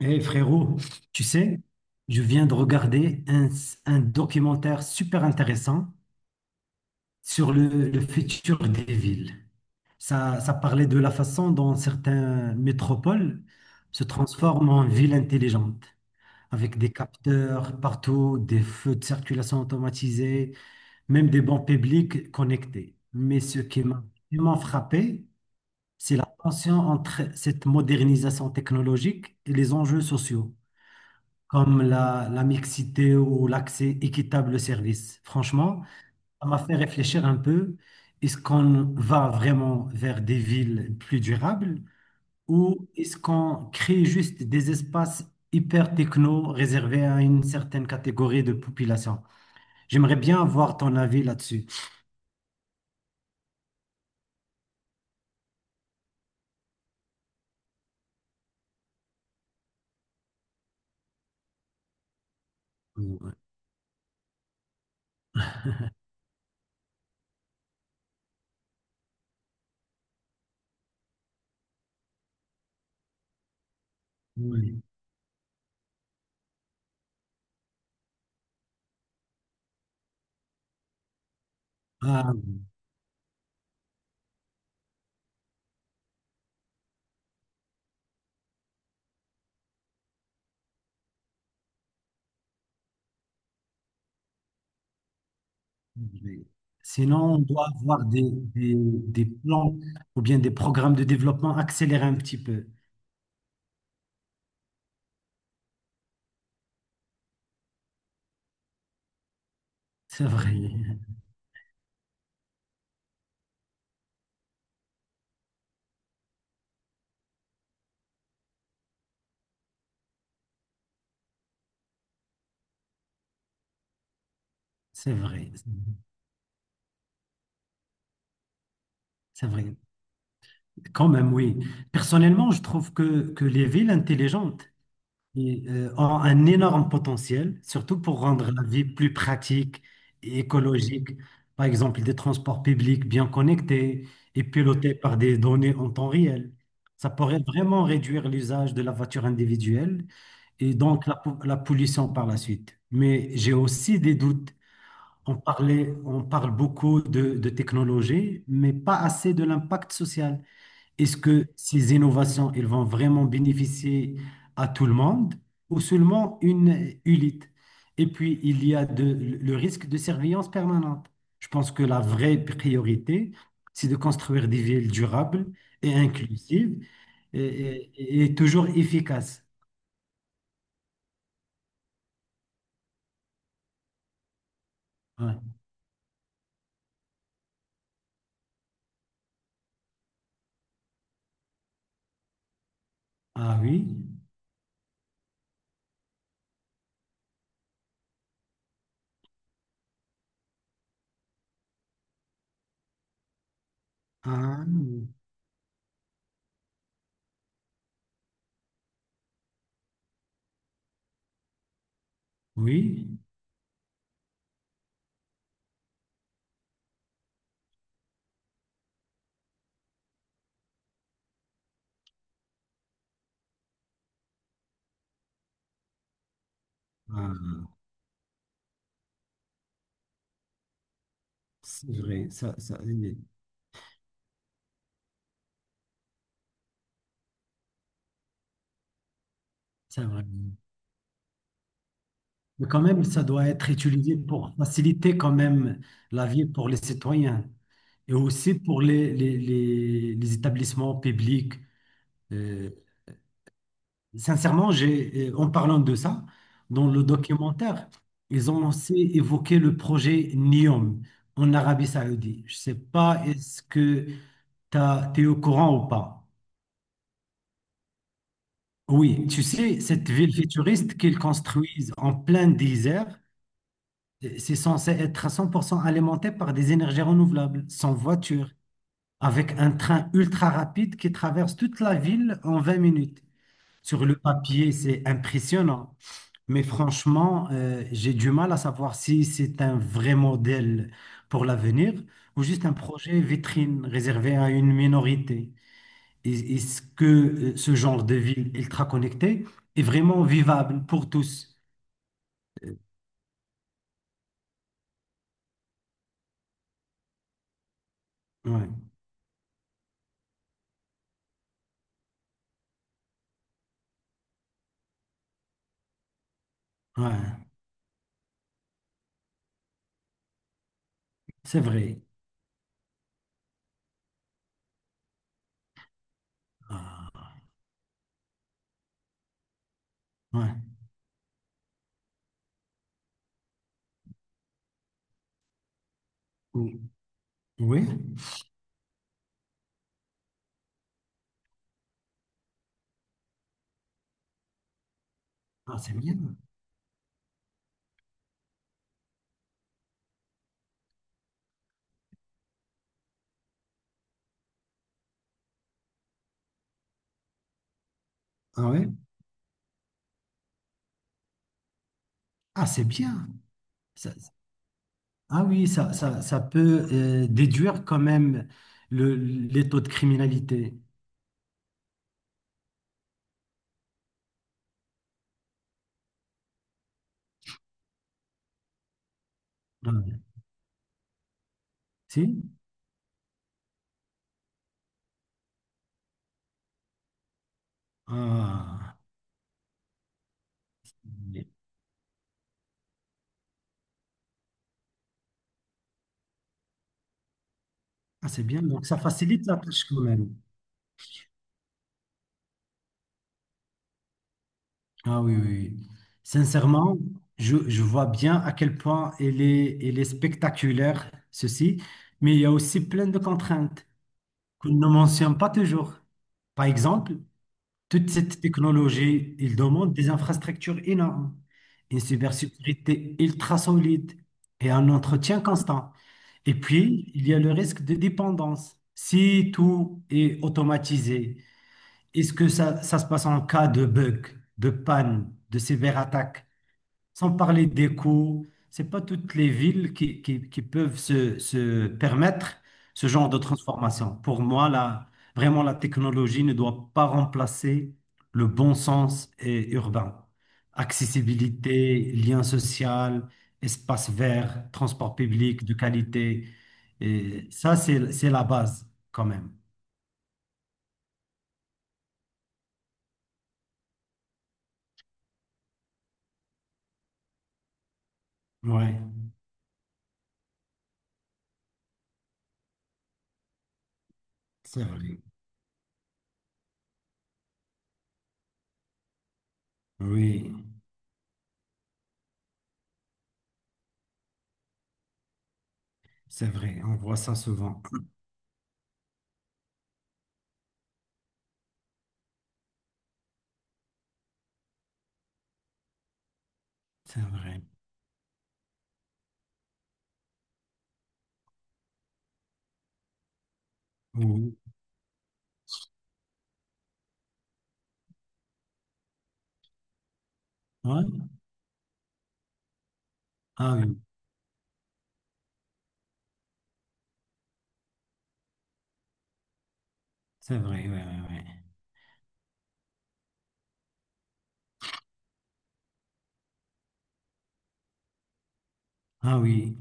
Eh frérot, tu sais, je viens de regarder un documentaire super intéressant sur le futur des villes. Ça parlait de la façon dont certaines métropoles se transforment en villes intelligentes, avec des capteurs partout, des feux de circulation automatisés, même des bancs publics connectés. Mais ce qui m'a vraiment frappé, c'est la tension entre cette modernisation technologique et les enjeux sociaux, comme la mixité ou l'accès équitable au service. Franchement, ça m'a fait réfléchir un peu. Est-ce qu'on va vraiment vers des villes plus durables ou est-ce qu'on crée juste des espaces hyper techno réservés à une certaine catégorie de population? J'aimerais bien avoir ton avis là-dessus. Ouais. Oui. Ah, oui. Sinon, on doit avoir des, des plans ou bien des programmes de développement accélérés un petit peu. C'est vrai. C'est vrai, c'est vrai. Quand même, oui. Personnellement, je trouve que les villes intelligentes et, ont un énorme potentiel, surtout pour rendre la vie plus pratique et écologique. Par exemple, des transports publics bien connectés et pilotés par des données en temps réel. Ça pourrait vraiment réduire l'usage de la voiture individuelle et donc la pollution par la suite. Mais j'ai aussi des doutes. On parle beaucoup de, technologie, mais pas assez de l'impact social. Est-ce que ces innovations, elles vont vraiment bénéficier à tout le monde ou seulement une élite? Et puis, il y a le risque de surveillance permanente. Je pense que la vraie priorité, c'est de construire des villes durables et inclusives et, et toujours efficaces. Ouais. Ah oui, ah oui. Ah, c'est vrai. C'est vrai. Mais quand même, ça doit être utilisé pour faciliter quand même la vie pour les citoyens et aussi pour les, les établissements publics. Euh, sincèrement, en parlant de ça, dans le documentaire, ils ont aussi évoqué le projet NEOM en Arabie Saoudite. Je sais pas, est-ce que tu es au courant ou pas? Oui, tu sais, cette ville futuriste qu'ils construisent en plein désert. C'est censé être à 100% alimenté par des énergies renouvelables, sans voiture, avec un train ultra rapide qui traverse toute la ville en 20 minutes. Sur le papier, c'est impressionnant, mais franchement, j'ai du mal à savoir si c'est un vrai modèle pour l'avenir ou juste un projet vitrine réservé à une minorité. Est-ce que ce genre de ville ultra connectée est vraiment vivable pour tous? Euh, Ouais, ouais, c'est vrai. Ah, ouais. Oui, ah, c'est bien. Ah, ouais. Ah, c'est bien. Ça- ah oui, ça peut déduire quand même le, les taux de criminalité. Ah, si? Ah. Ah, c'est bien. Donc, ça facilite la tâche quand même. Ah oui, oui, oui. Sincèrement, je vois bien à quel point elle est spectaculaire, ceci, mais il y a aussi plein de contraintes qu'on ne mentionne pas toujours. Par exemple, toute cette technologie, il demande des infrastructures énormes, une cybersécurité ultra solide et un entretien constant. Et puis, il y a le risque de dépendance. Si tout est automatisé, est-ce que ça se passe en cas de bug, de panne, de sévère attaque? Sans parler des coûts, c'est pas toutes les villes qui peuvent se permettre ce genre de transformation. Pour moi, vraiment, la technologie ne doit pas remplacer le bon sens et urbain. Accessibilité, lien social, espace vert, transport public de qualité. Et ça, c'est la base quand même. Oui, c'est vrai. Oui, c'est vrai. On voit ça souvent. C'est vrai. Oui. Ouais. Ah oui. C'est vrai, ouais, ouais, ouais. Ah oui,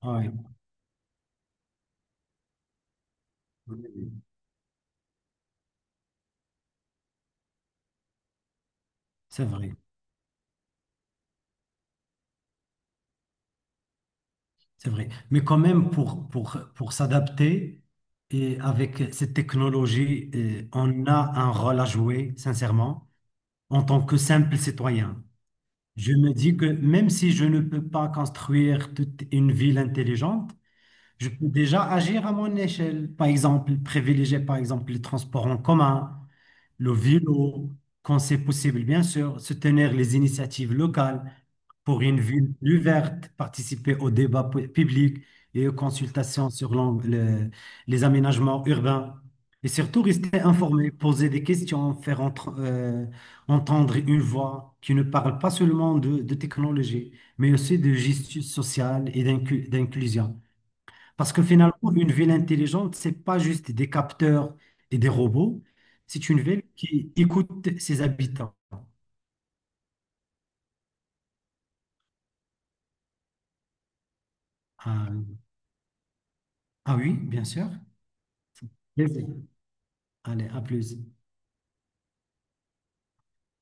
ah oui, oui, oui, c'est vrai, c'est vrai. Mais quand même, pour s'adapter, et avec cette technologie, eh, on a un rôle à jouer, sincèrement, en tant que simple citoyen. Je me dis que même si je ne peux pas construire toute une ville intelligente, je peux déjà agir à mon échelle. Par exemple, privilégier par exemple les transports en commun, le vélo, quand c'est possible, bien sûr, soutenir les initiatives locales pour une ville plus verte, participer au public et aux consultations sur les aménagements urbains. Et surtout, rester informé, poser des questions, entendre une voix qui ne parle pas seulement de, technologie, mais aussi de justice sociale et d'inclusion. Parce que finalement, une ville intelligente, c'est pas juste des capteurs et des robots, c'est une ville qui écoute ses habitants. Ah, ah oui, bien sûr. Plaisir. Allez, à plus.